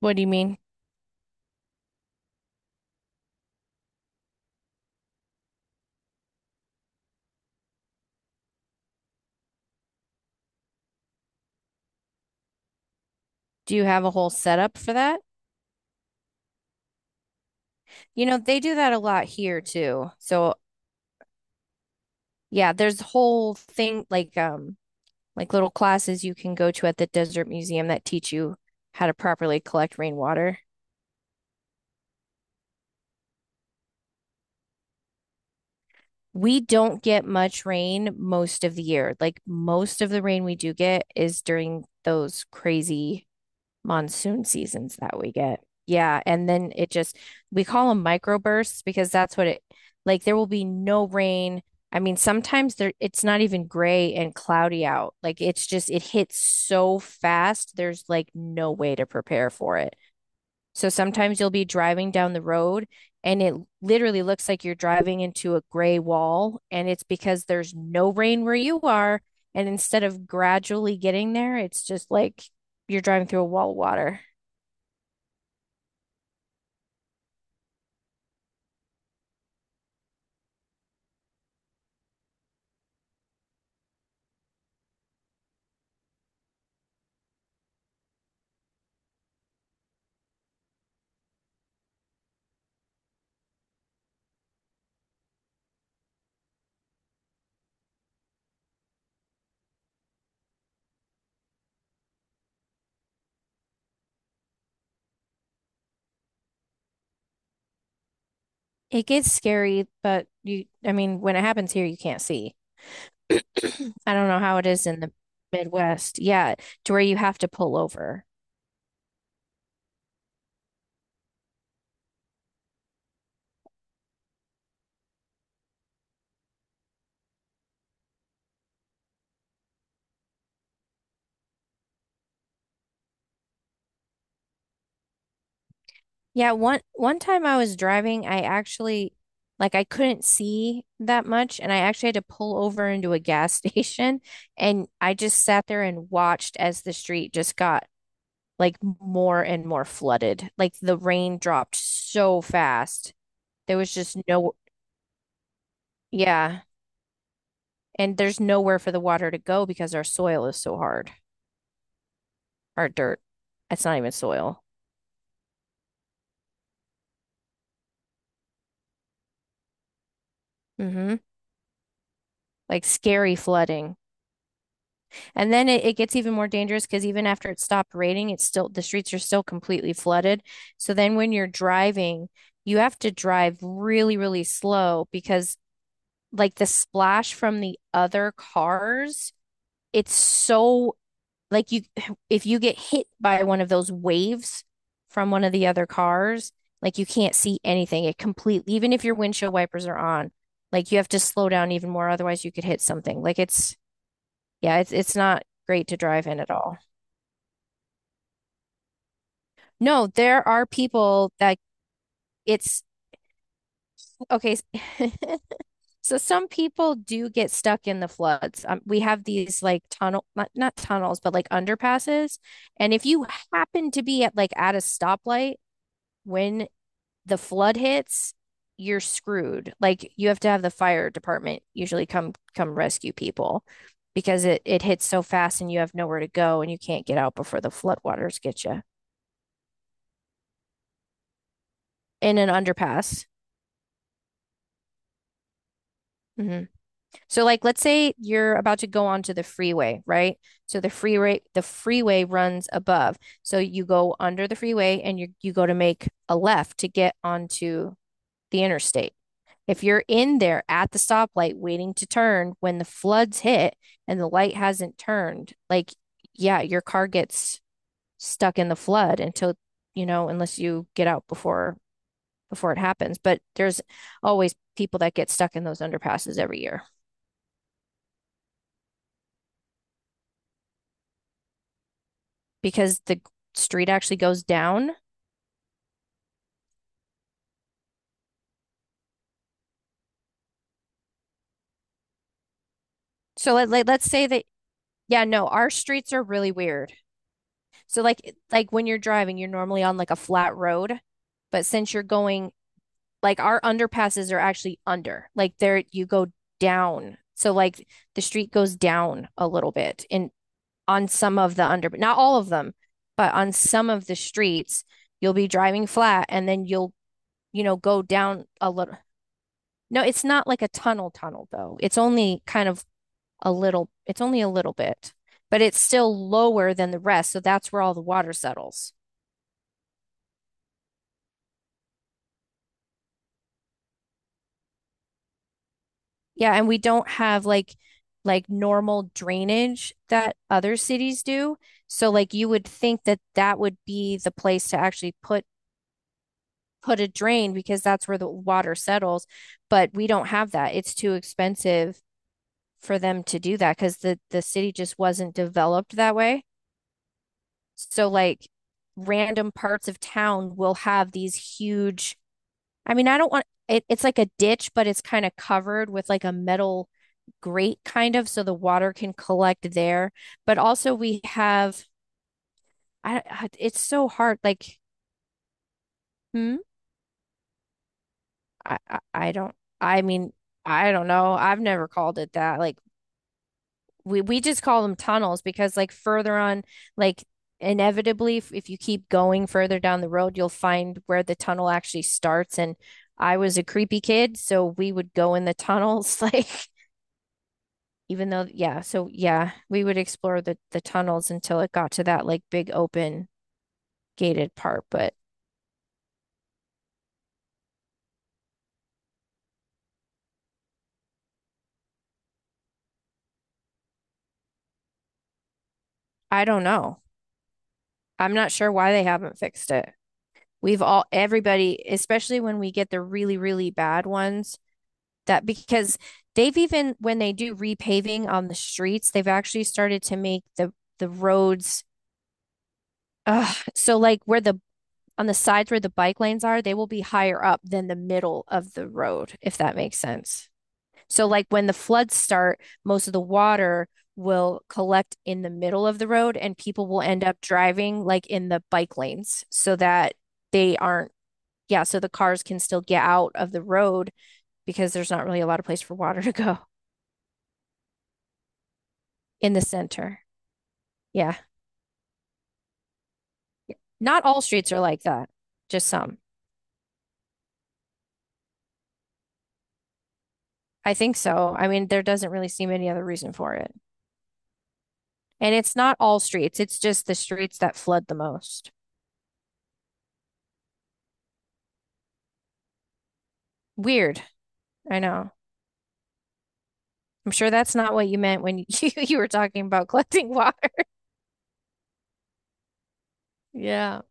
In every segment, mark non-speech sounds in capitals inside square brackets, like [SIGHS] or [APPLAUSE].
What do you mean? Do you have a whole setup for that? You know, they do that a lot here too. So, yeah, there's whole thing like like little classes you can go to at the Desert Museum that teach you how to properly collect rainwater. We don't get much rain most of the year. Like most of the rain we do get is during those crazy monsoon seasons that we get. Yeah, and then it just we call them microbursts because that's what it like there will be no rain. I mean, sometimes there it's not even gray and cloudy out. Like it's just it hits so fast, there's like no way to prepare for it. So sometimes you'll be driving down the road and it literally looks like you're driving into a gray wall and it's because there's no rain where you are and instead of gradually getting there, it's just like you're driving through a wall of water. It gets scary, but you, I mean, when it happens here, you can't see. [CLEARS THROAT] I don't know how it is in the Midwest. Yeah, to where you have to pull over. Yeah, one time I was driving, I actually like I couldn't see that much and I actually had to pull over into a gas [LAUGHS] station and I just sat there and watched as the street just got like more and more flooded. Like the rain dropped so fast. There was just no, yeah, and there's nowhere for the water to go because our soil is so hard, our dirt. It's not even soil. Hmm. Like scary flooding. And then it gets even more dangerous because even after it stopped raining, it's still the streets are still completely flooded. So then when you're driving, you have to drive really, really slow because like the splash from the other cars, it's so like you [SIGHS] if you get hit by one of those waves from one of the other cars, like you can't see anything. It completely even if your windshield wipers are on, like you have to slow down even more otherwise you could hit something. Like it's yeah, it's not great to drive in at all. No, there are people that it's okay. [LAUGHS] So some people do get stuck in the floods. We have these like tunnel, not tunnels, but like underpasses. And if you happen to be at like at a stoplight when the flood hits, you're screwed. Like you have to have the fire department usually come rescue people because it hits so fast and you have nowhere to go and you can't get out before the floodwaters get you in an underpass. Hmm. So like let's say you're about to go onto the freeway, right? So the freeway runs above. So you go under the freeway and you go to make a left to get onto the interstate. If you're in there at the stoplight waiting to turn when the floods hit and the light hasn't turned, like, yeah, your car gets stuck in the flood until, you know, unless you get out before before it happens. But there's always people that get stuck in those underpasses every year because the street actually goes down. So let's say that yeah, no, our streets are really weird. So like when you're driving, you're normally on like a flat road, but since you're going like our underpasses are actually under. Like there you go down. So like the street goes down a little bit in on some of the under not all of them, but on some of the streets you'll be driving flat and then you'll, you know, go down a little. No, it's not like a tunnel tunnel though. It's only kind of a little, it's only a little bit, but it's still lower than the rest. So that's where all the water settles. Yeah, and we don't have like normal drainage that other cities do. So like you would think that that would be the place to actually put a drain because that's where the water settles, but we don't have that. It's too expensive for them to do that because the city just wasn't developed that way. So like random parts of town will have these huge, I mean, I don't want it, it's like a ditch, but it's kind of covered with like a metal grate kind of so the water can collect there. But also we have I it's so hard like hmm I don't I mean I don't know. I've never called it that. Like we just call them tunnels because like further on like inevitably if you keep going further down the road you'll find where the tunnel actually starts and I was a creepy kid so we would go in the tunnels [LAUGHS] like even though yeah so yeah we would explore the tunnels until it got to that like big open gated part, but I don't know. I'm not sure why they haven't fixed it. We've all, everybody, especially when we get the really, really bad ones, that because they've even, when they do repaving on the streets, they've actually started to make the roads, so like where the, on the sides where the bike lanes are, they will be higher up than the middle of the road, if that makes sense. So, like when the floods start, most of the water will collect in the middle of the road and people will end up driving like in the bike lanes so that they aren't, yeah, so the cars can still get out of the road because there's not really a lot of place for water to go in the center. Yeah. Not all streets are like that, just some. I think so. I mean, there doesn't really seem any other reason for it. And it's not all streets, it's just the streets that flood the most. Weird. I know. I'm sure that's not what you meant when you, [LAUGHS] you were talking about collecting water. Yeah.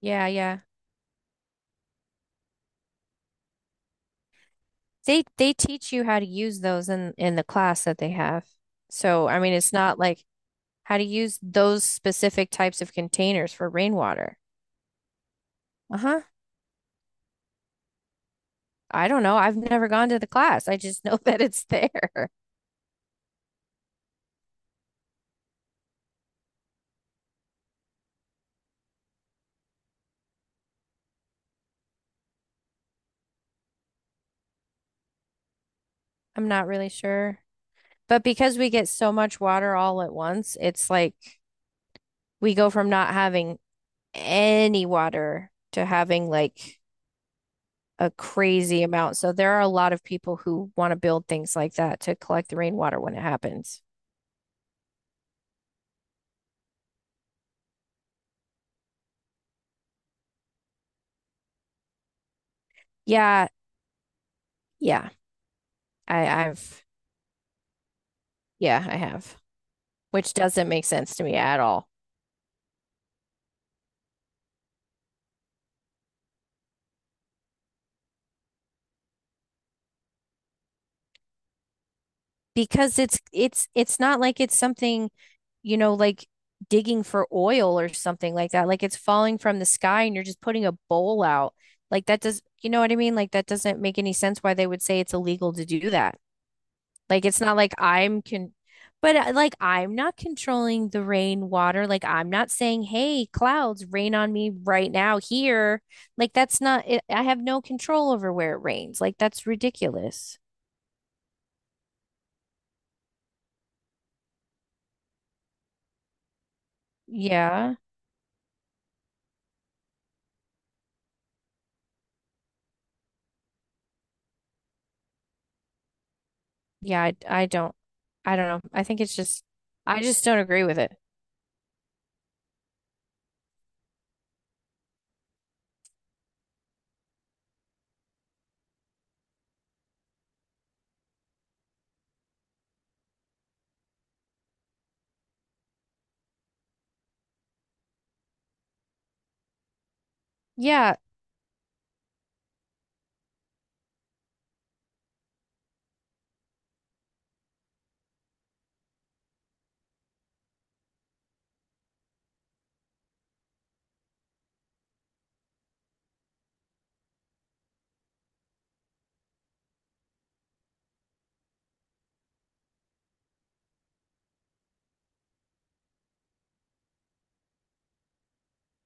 Yeah, yeah. They teach you how to use those in the class that they have. So, I mean, it's not like how to use those specific types of containers for rainwater. Uh-huh. I don't know. I've never gone to the class. I just know [LAUGHS] that it's there. I'm not really sure. But because we get so much water all at once, it's like we go from not having any water to having like a crazy amount. So there are a lot of people who want to build things like that to collect the rainwater when it happens. Yeah, yeah. I've yeah, I have, which doesn't make sense to me at all. Because it's not like it's something, you know, like digging for oil or something like that. Like it's falling from the sky and you're just putting a bowl out. Like that does, you know what I mean? Like that doesn't make any sense why they would say it's illegal to do that. Like it's not like I'm can but like I'm not controlling the rain water. Like I'm not saying, "Hey, clouds, rain on me right now here." Like that's not it, I have no control over where it rains. Like that's ridiculous. Yeah. Yeah, I don't know. I think it's just I just don't agree with it. Yeah,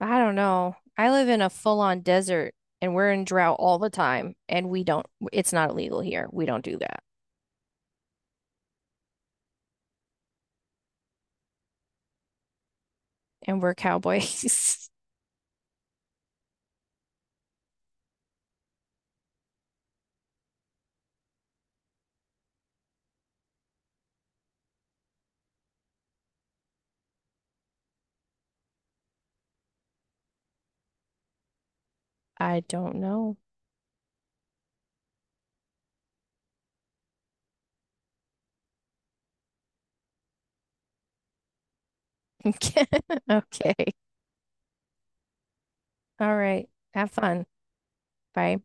I don't know. I live in a full-on desert and we're in drought all the time and we don't it's not illegal here. We don't do that. And we're cowboys. [LAUGHS] I don't know. [LAUGHS] Okay. Okay. All right. Have fun. Bye.